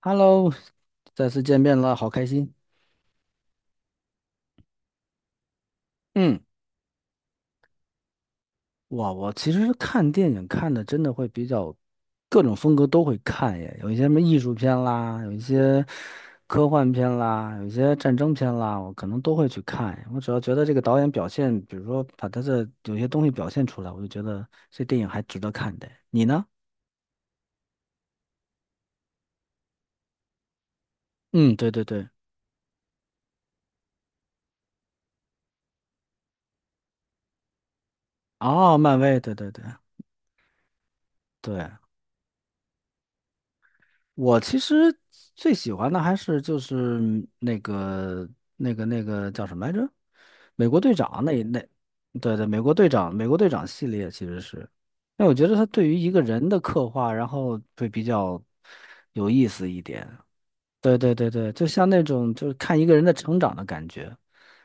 Hello，再次见面了，好开心。嗯，哇，我其实看电影看的真的会比较各种风格都会看耶，有一些什么艺术片啦，有一些科幻片啦，有一些战争片啦，我可能都会去看。我只要觉得这个导演表现，比如说把他的有些东西表现出来，我就觉得这电影还值得看的。你呢？嗯，对对对，哦，漫威，对对对对。我其实最喜欢的还是就是那个那个叫什么来着？美国队长对对，美国队长，美国队长系列其实是，那我觉得他对于一个人的刻画，然后会比较有意思一点。对对对对，就像那种就是看一个人的成长的感觉。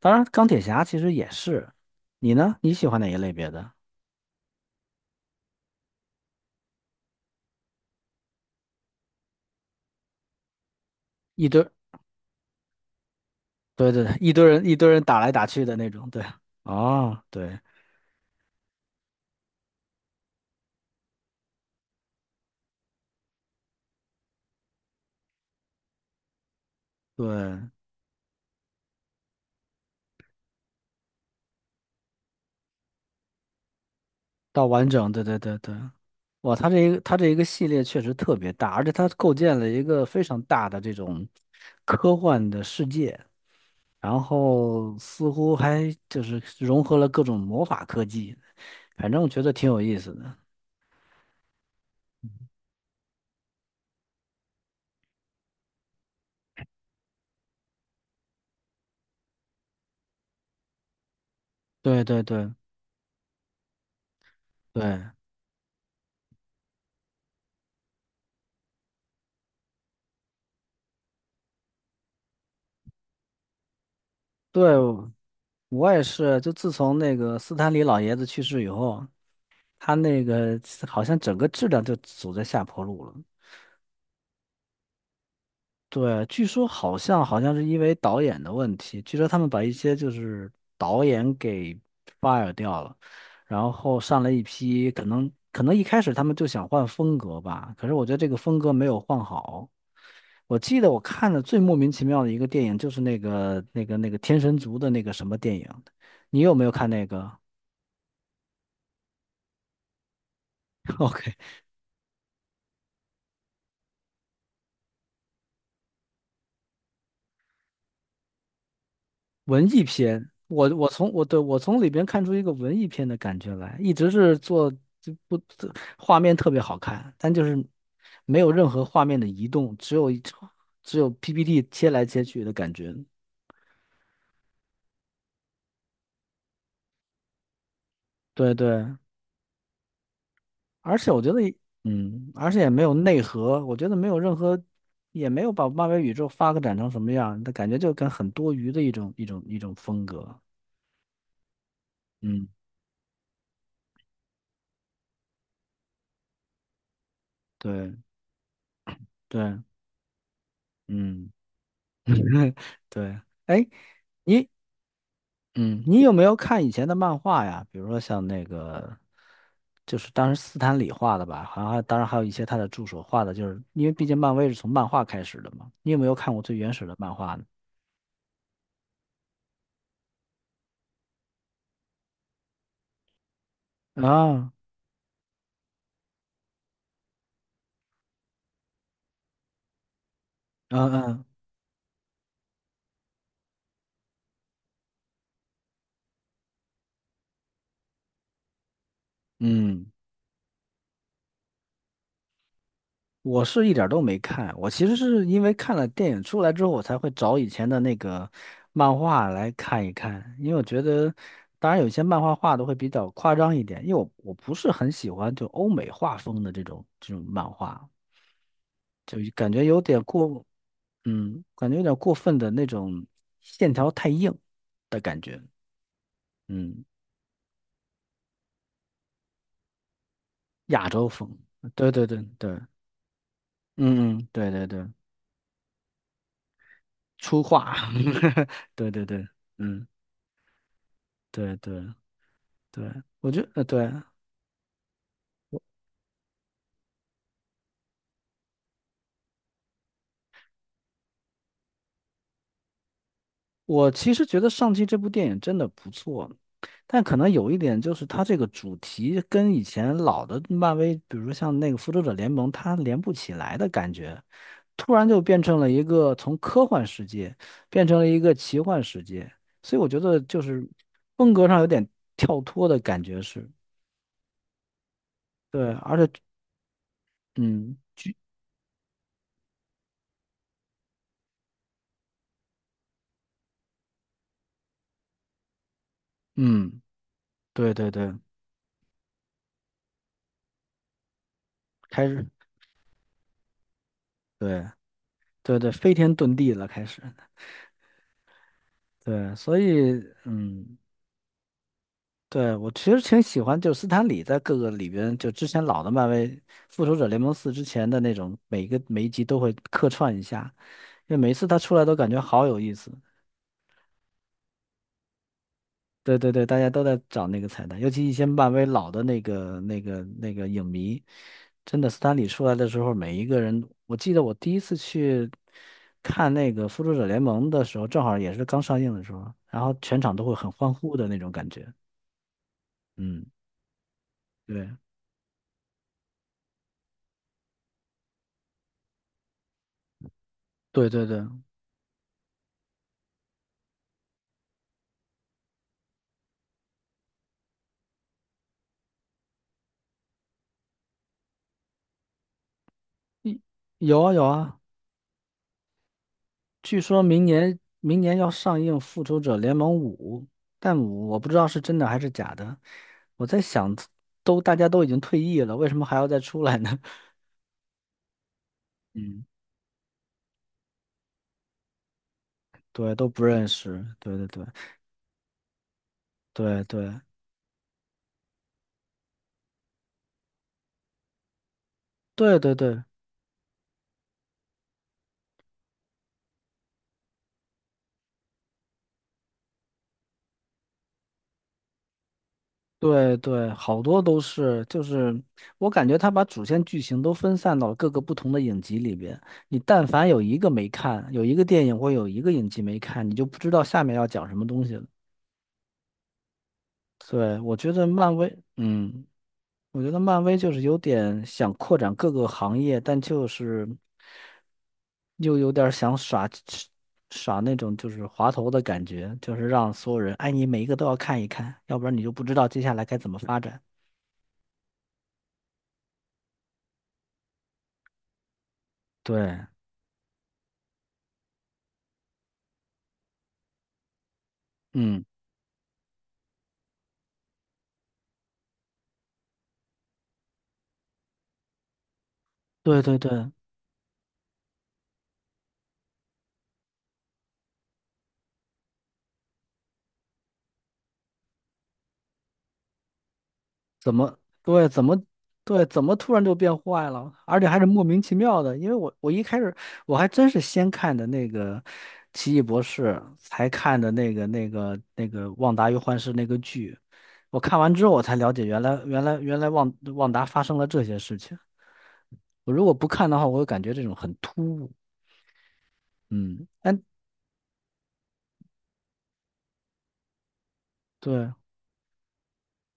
当然，钢铁侠其实也是。你呢？你喜欢哪一类别的？一堆，对对，一堆人打来打去的那种，对。哦，对对，到完整，对对对对，哇，它这一个系列确实特别大，而且它构建了一个非常大的这种科幻的世界，然后似乎还就是融合了各种魔法科技，反正我觉得挺有意思的。对对对对对，我也是，就自从那个斯坦李老爷子去世以后，他那个好像整个质量就走在下坡路了。对，据说好像是因为导演的问题，据说他们把一些就是导演给 fire 掉了，然后上来一批，可能一开始他们就想换风格吧，可是我觉得这个风格没有换好。我记得我看的最莫名其妙的一个电影就是那个天神族的那个什么电影，你有没有看那个？o k 文艺片，我从里边看出一个文艺片的感觉来，一直是做就不画面特别好看，但就是没有任何画面的移动，只有 PPT 切来切去的感觉。对对，而且我觉得也而且也没有内核，我觉得没有任何，也没有把漫威宇宙发展成什么样，的感觉就跟很多余的一种风格。嗯，对对，嗯，对，哎。你嗯，你有没有看以前的漫画呀？比如说像那个，就是当时斯坦李画的吧，好像还当然还有一些他的助手画的，就是因为毕竟漫威是从漫画开始的嘛。你有没有看过最原始的漫画呢？啊，嗯嗯嗯，我是一点儿都没看，我其实是因为看了电影出来之后，我才会找以前的那个漫画来看一看，因为我觉得，当然有些漫画画的会比较夸张一点，因为我不是很喜欢就欧美画风的这种漫画。就感觉有点过，嗯，感觉有点过分的那种线条太硬的感觉，嗯，亚洲风，对对对对，嗯嗯，对对对，粗犷，对对对，嗯，对对对，我觉得，对，我其实觉得《上期这部电影真的不错，但可能有一点就是它这个主题跟以前老的漫威，比如说像那个《复仇者联盟》，它连不起来的感觉，突然就变成了一个从科幻世界变成了一个奇幻世界，所以我觉得就是风格上有点跳脱的感觉是，对，而且嗯嗯，对对对，开始对对对，飞天遁地了开始，对，所以嗯。对，我其实挺喜欢，就是斯坦李在各个里边，就之前老的漫威《复仇者联盟四》之前的那种，每一个每一集都会客串一下，因为每一次他出来都感觉好有意思。对对对，大家都在找那个彩蛋，尤其一些漫威老的那个影迷，真的斯坦李出来的时候，每一个人，我记得我第一次去看那个《复仇者联盟》的时候，正好也是刚上映的时候，然后全场都会很欢呼的那种感觉。嗯，对对对对。嗯有啊有啊，据说明年要上映《复仇者联盟五》，但我不知道是真的还是假的。我在想，大家都已经退役了，为什么还要再出来呢？嗯，对，都不认识。对对对对对对对对对对，好多都是，就是我感觉他把主线剧情都分散到了各个不同的影集里边。你但凡有一个没看，有一个电影或有一个影集没看，你就不知道下面要讲什么东西了。对，我觉得漫威就是有点想扩展各个行业，但就是又有点儿想耍耍那种就是滑头的感觉，就是让所有人，哎，你每一个都要看一看，要不然你就不知道接下来该怎么发展。对，嗯，对对对，怎么对怎么对怎么突然就变坏了，而且还是莫名其妙的。因为我一开始我还真是先看的那个《奇异博士》，才看的那个《旺达与幻视》那个剧。我看完之后，我才了解原来旺达发生了这些事情。我如果不看的话，我会感觉这种很突兀。嗯，但对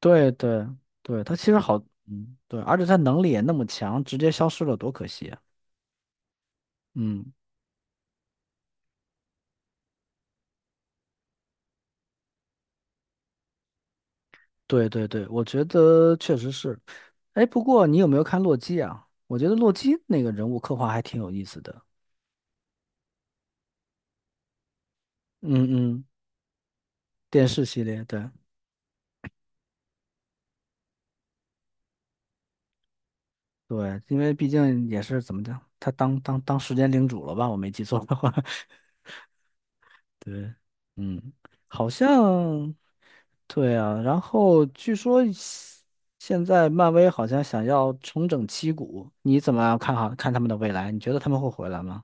对对对，他其实好，嗯，对，而且他能力也那么强，直接消失了，多可惜啊。嗯。对对对，我觉得确实是。哎，不过你有没有看洛基啊？我觉得洛基那个人物刻画还挺有意思的。嗯嗯，电视系列，对对，因为毕竟也是怎么讲，他当时间领主了吧？我没记错的话，对，嗯，好像对啊。然后据说现在漫威好像想要重整旗鼓，你怎么看好看他们的未来？你觉得他们会回来吗？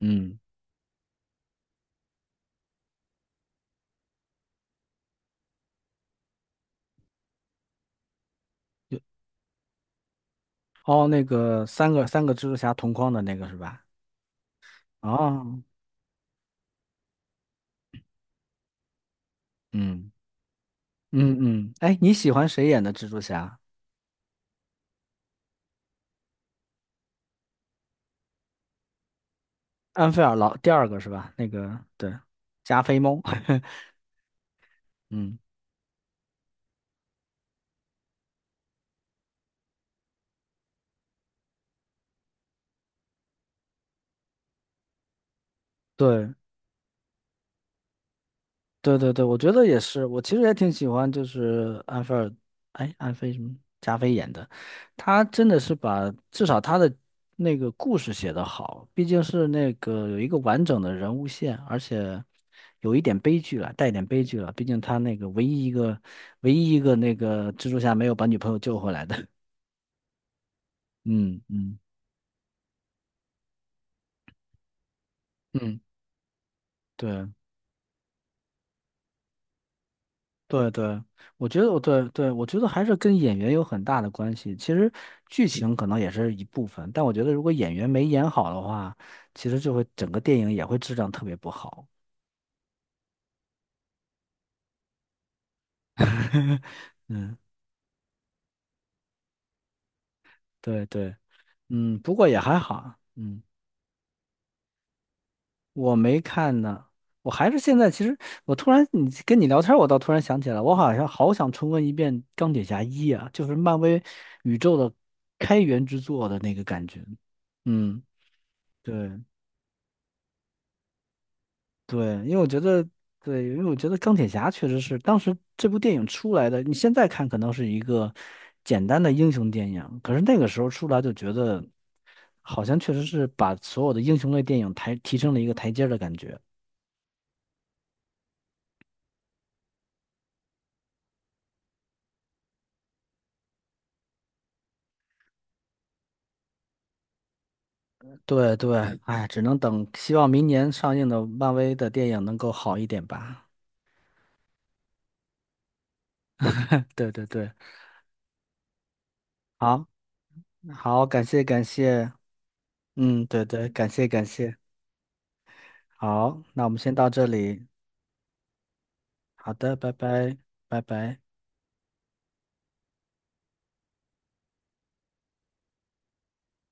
嗯。哦，那个三个蜘蛛侠同框的那个是吧？哦，嗯嗯嗯，哎，你喜欢谁演的蜘蛛侠？安菲尔老第二个是吧？那个对，加菲猫，嗯，对，对对对，我觉得也是，我其实也挺喜欢，就是安菲尔，哎，安菲什么加菲演的，他真的是把至少他的那个故事写得好，毕竟是那个有一个完整的人物线，而且有一点悲剧了，带一点悲剧了，毕竟他那个唯一一个那个蜘蛛侠没有把女朋友救回来的，嗯嗯嗯，对。对对，我觉得我对对，我觉得还是跟演员有很大的关系。其实剧情可能也是一部分，但我觉得如果演员没演好的话，其实就会整个电影也会质量特别不好。嗯，对对，嗯，不过也还好。嗯，我没看呢，我还是现在其实我突然你聊天儿我倒突然想起来，我好像好想重温一遍《钢铁侠一》啊，就是漫威宇宙的开源之作的那个感觉。嗯，对。对，因为我觉得，对，因为我觉得钢铁侠确实是当时这部电影出来的，你现在看可能是一个简单的英雄电影，可是那个时候出来就觉得，好像确实是把所有的英雄类电影提升了一个台阶儿的感觉。对对，哎，只能等，希望明年上映的漫威的电影能够好一点吧。对对对，好，好，感谢感谢，嗯，对对，感谢感谢，好，那我们先到这里，好的，拜拜，拜拜。